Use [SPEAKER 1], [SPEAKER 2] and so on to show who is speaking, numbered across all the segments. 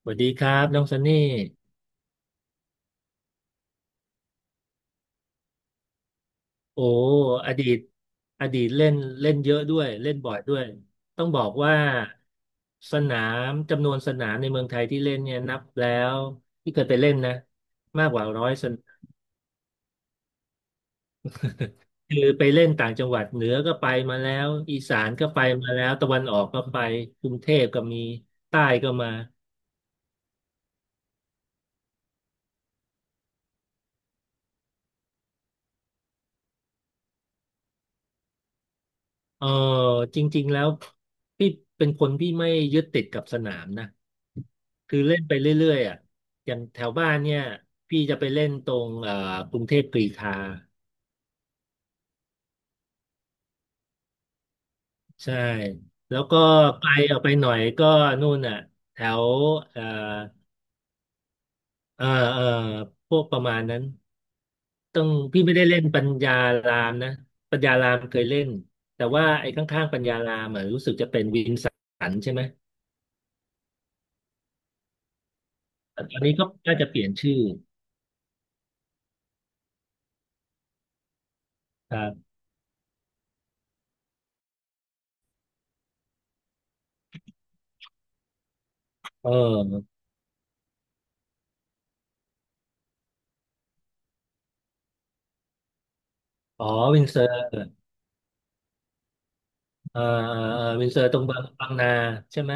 [SPEAKER 1] สวัสดีครับน้องซันนี่โอ้อดีตอดีตเล่นเล่นเยอะด้วยเล่นบ่อยด้วยต้องบอกว่าสนามจำนวนสนามในเมืองไทยที่เล่นเนี่ยนับแล้วที่เคยไปเล่นนะมากกว่า100 สนามคือไปเล่นต่างจังหวัดเหนือก็ไปมาแล้วอีสานก็ไปมาแล้วตะวันออกก็ไปกรุงเทพก็มีใต้ก็มาเออจริงๆแล้วพี่เป็นคนที่ไม่ยึดติดกับสนามนะ คือเล่นไปเรื่อยๆอ่ะอย่างแถวบ้านเนี่ยพี่จะไปเล่นตรงกรุงเทพกรีฑาใช่แล้วก็ไกลออกไปหน่อยก็นู่นอ่ะแถวเอ่อเอ่อเอ่อพวกประมาณนั้นต้องพี่ไม่ได้เล่นปัญญารามนะปัญญารามเคยเล่นแต่ว่าไอ้ข้างๆปัญญารามอ่ะรู้สึกจะเป็นวินสันใช่ไหมแต่ตอนนี้ก็น่าจะเปลี่ยนชื่อครับเอออ๋อวินเซอร์เออเออวินเซอร์ตรงบางบางนาใช่ไหม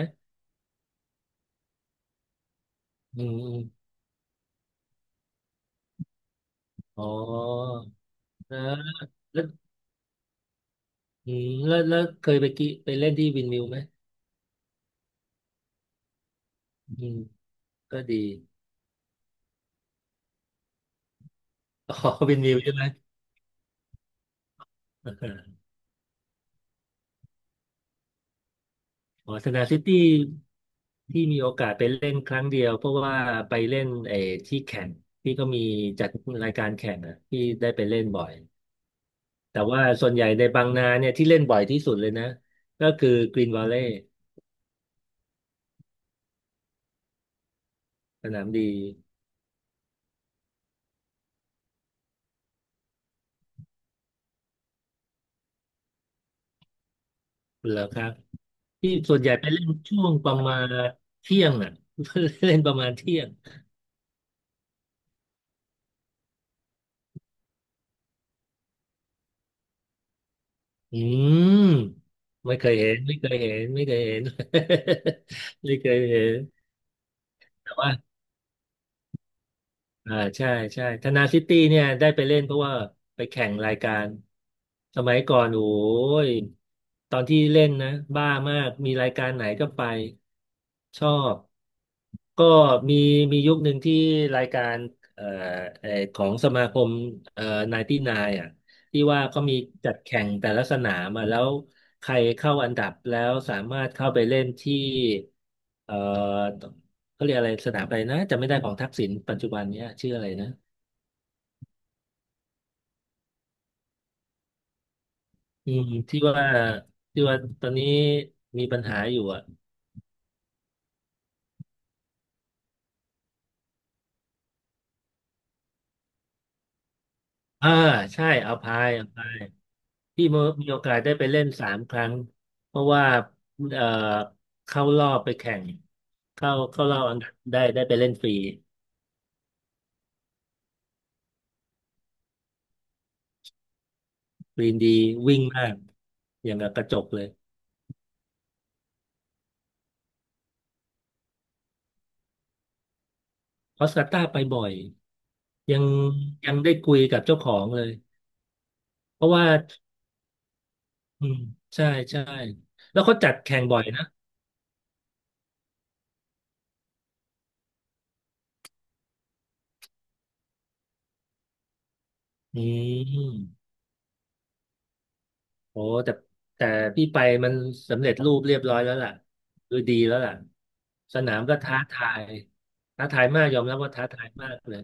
[SPEAKER 1] อืม อ๋อนะแล้วเคยไปไปเล่นที่วินมิวไหมอืมก็ดี อ๋อวินมิวใช่ไหม อ๋อสนามซิตี้ที่มีโอกาสไปเล่นครั้งเดียว เพราะว่าไปเล่นไอ้ที่แข่งที่ก็มีจัดรายการแข่งอ่ะที่ได้ไปเล่นบ่อย แต่ว่าส่วนใหญ่ในบางนาเนี่ยที่เล่นบ่อยที่สุดเลยนะ ก็คือกรีนวอลเลย์สนามดีเหรอครับที่ส่วนใหญ่ไปเล่นช่วงประมาณเที่ยงอ่ะ เล่นประมาณเที่ยง อืมไม่เคยเห็นไม่เคยเห็นไม่เคยเห็น ไม่เคยเห็นแต่ว่า อ่าใช่ใช่ธนาซิตี้เนี่ยได้ไปเล่นเพราะว่าไปแข่งรายการสมัยก่อนโอ้ยตอนที่เล่นนะบ้ามากมีรายการไหนก็ไปชอบก็มีมียุคหนึ่งที่รายการเอ่อเอ่อของสมาคมเอ่อ99อ่ะที่ว่าเขามีจัดแข่งแต่ละสนามอ่ะแล้วใครเข้าอันดับแล้วสามารถเข้าไปเล่นที่เอ่อ เขาเรียกอะไรสนามอะไรนะจำไม่ได้ของทักษิณปัจจุบันเนี้ยชื่ออะไรนะอืมที่ว่าที่ว่าตอนนี้มีปัญหาอยู่อ่ะอ่าใช่อัลพายอัลพายที่มีมีโอกาสได้ไปเล่น3 ครั้งเพราะว่าเอ่อเข้ารอบไปแข่งเข้ารอบอันดับได้ไปเล่นฟรีฟรีดีวิ่งมากอย่างกับกระจกเลยออสการ์ต้าไปบ่อยยังยังได้คุยกับเจ้าของเลยเพราะว่าอืมใช่ใช่แล้วเขาจัดแข่งบ่อยนะ อืมโอ้แต่แต่พี่ไปมันสำเร็จรูปเรียบร้อยแล้วล่ะคือดีแล้วล่ะสนามก็ท้าทายท้าทายมากยอมรับว่าท้าทายมากเลย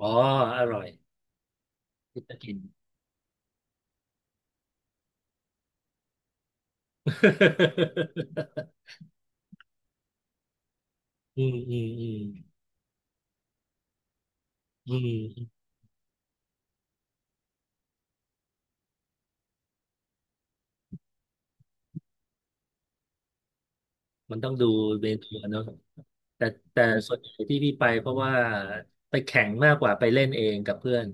[SPEAKER 1] อ๋ออร่อยที่จะกิน อืมอืมอืมอืมมันต้องดูเมนูอะเนาะแต่แต่ส่วนใหญ่ที่พี่ไปเพราะว่าไปแข่งมากกว่าไปเล่นเองกับเพื่อน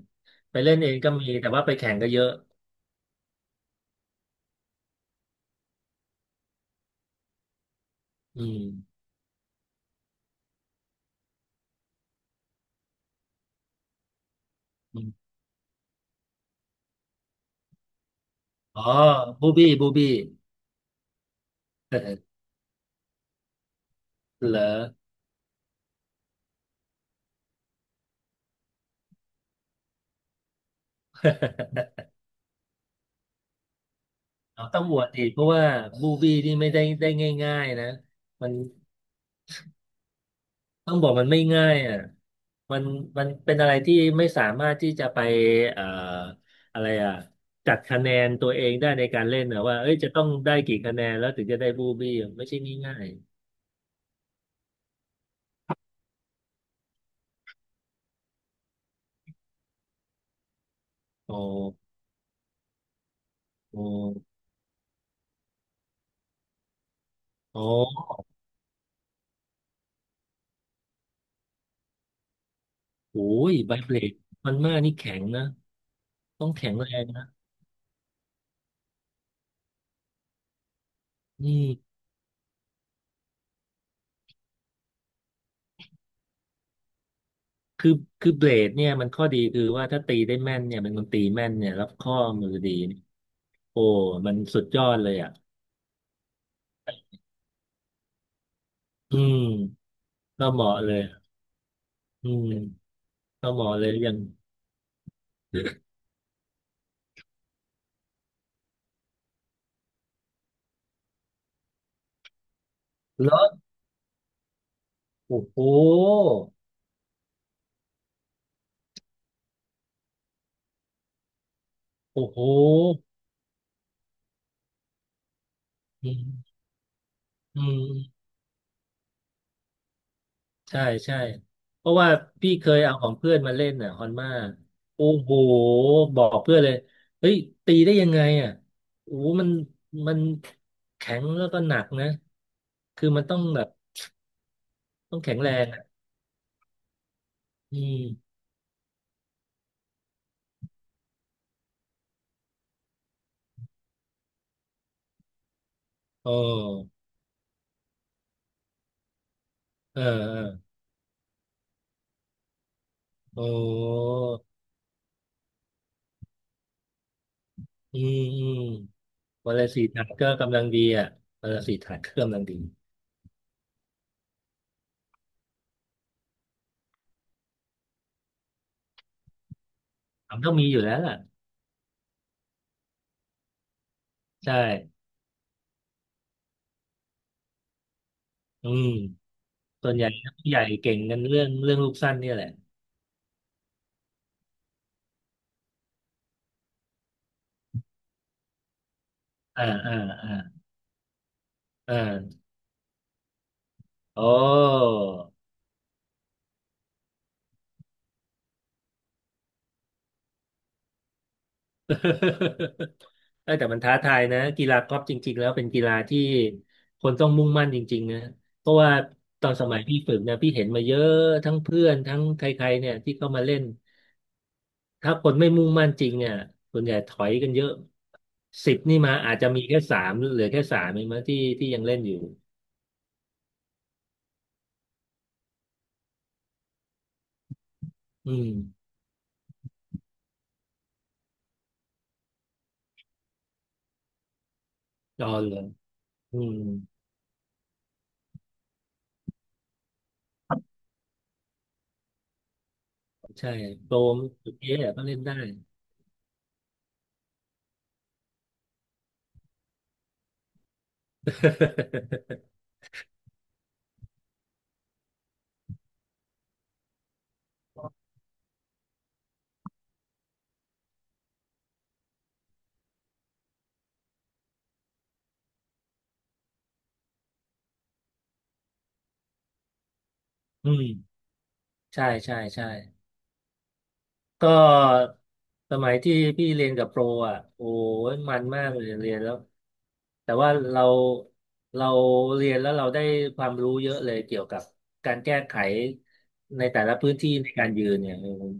[SPEAKER 1] ไปเล่นเองก็มีแต่ว่าไปแข่งก็เยอะอืมอมอ๋อบูบี้บูบี้ เหรอเราต้องอวดอีกเพราะว่ามูวี่นี่ไม่ได้ง่ายๆนะมันต้องบอกมันไม่ง่ายอ่ะมันมันเป็นอะไรที่ไม่สามารถที่จะไปเอ่ออะไรอ่ะ จัดคะแนนตัวเองได้ในการเล่นนะว่าเอ้ยจะต้องได้กี่คะแนนแล้วถึงจะได้บูบี้ไม่ใช่ง่ายๆโอ้โอ้โอ้ยใบเบลดมันมากนี่แข็งนะต้องแข็งแรงนะนี่คือคือเบลดเนี่ยมันข้อดีคือว่าถ้าตีได้แม่นเนี่ยเป็นคนตีแม่นเนี่ยรับข้อมือดี โอ้มันสุดยอดเลยอ่ะอืมก็เหมาะเลยอืมก็เหมาะเลยอย่างเลอะโอ้โหโอ้โหอืมอืมใช่ ใช่ เพราะว่าพี่เคยเอาของเพื่อนมาเล่นอ่ะฮอนมาโอ้โหบอกเพื่อนเลย เฮ้ย ตีได้ยังไงอ่ะโอ้โหมันมันแข็งแล้วก็หนักนะคือมันต้องแบบต้องแข็งแรงอ่ะอืมโอ้เออเออโอ้อืมอืม วันละ4 ถาดก็กำลังดีอ่ะวันละสี่ถาดก็กำลังดีทำต้องมีอยู่แล้วล่ะใช่อืมส่วนใหญ่ผู้ใหญ่เก่งกันเรื่องเรื่องลูกสั้นเนี่ยแหละอ่าอ่าอ่าอ่าโอ้ เออแต่มันท้าทายนะกีฬากอล์ฟจริงๆแล้วเป็นกีฬาที่คนต้องมุ่งมั่นจริงๆนะเพราะว่าตอนสมัยพี่ฝึกนะพี่เห็นมาเยอะทั้งเพื่อนทั้งใครๆเนี่ยที่เข้ามาเล่น ถ้าคนไม่มุ่งมั่นจริงเนี่ยส่วนใหญ่ถอยกันเยอะ10นี่มาอาจจะมีแค่สามเหลือแค่สามเองมั้งที่ที่ยังเล่นอยู่ อืมรอเลยอืมใช่โปรมสุดเอ๊ะก็เล่นได้ อืมใช่ ใช่ใช่ ก็สมัยที่พี่เรียนกับโปรอ่ะโอ้ยมันมากเลยเรียนแล้วแต่ว่าเราเรียนแล้วเราได้ความรู้เยอะเลยเกี่ยวกับการแก้ไขในแต่ละพื้นที่ในการยืนเนี่ย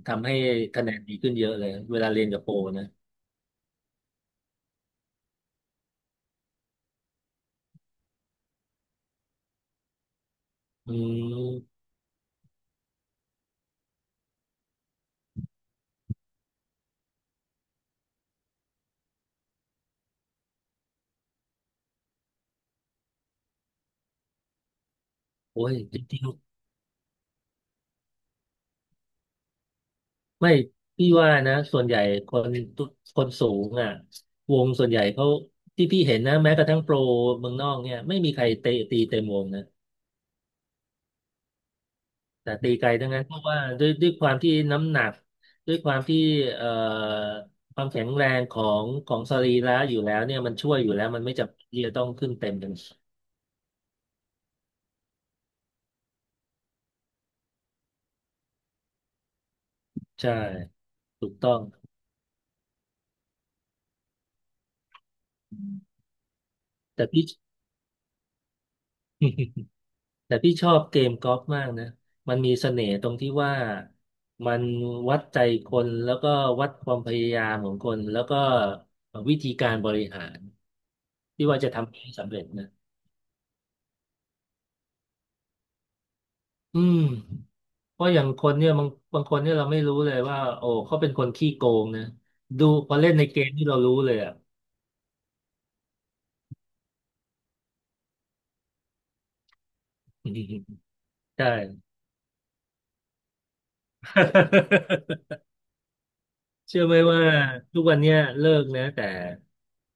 [SPEAKER 1] ทำให้คะแนนดีขึ้นเยอะเลยเวลาเรียนกับโปรนะอืมโอ้ยจริงๆไม่พี่ว่านะส่วนใหญ่คนทุกคนสูงอ่ะวงส่วนใหญ่เขาที่พี่เห็นนะแม้กระทั่งโปรเมืองนอกเนี่ยไม่มีใครเตะตีเต็มวงนะ แต่ตีไกลทั้งนั้นเพราะว่าด้วยความที่น้ำหนักด้วยความที่เอ่อความแข็งแรงของของสรีระอยู่แล้วเนี่ยมันช่วยอยู่แล้วมันไม่จำเป็นที่จะต้องขึ้นเต็มกันใช่ถูกต้องแต่พี่แต่พี่ชอบเกมกอล์ฟมากนะมันมีเสน่ห์ตรงที่ว่ามันวัดใจคนแล้วก็วัดความพยายามของคนแล้วก็วิธีการบริหารที่ว่าจะทำให้สำเร็จนะอืม เพราะอย่างคนเนี่ยบางคนเนี่ยเราไม่รู้เลยว่าโอ้เขาเป็นคนขี้โกงนะดูพอเล่นในเกมที่เรารู้เลยอ่ะ ใช่ เชื่อไหมว่าทุกวันเนี้ยเลิกนะแต่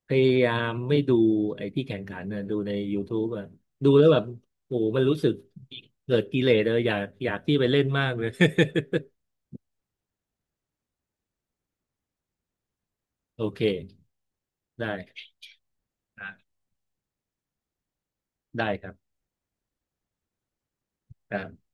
[SPEAKER 1] พยายามไม่ดูไอ้ที่แข่งขันน่ะดูใน YouTube อ่ะดูแล้วแบบโอ้โหมันรู้สึกเกิดกิเลสเลยอยากอยากที่ไปเล่นมากเลย โอเคได้อ่ะได้ครับครับ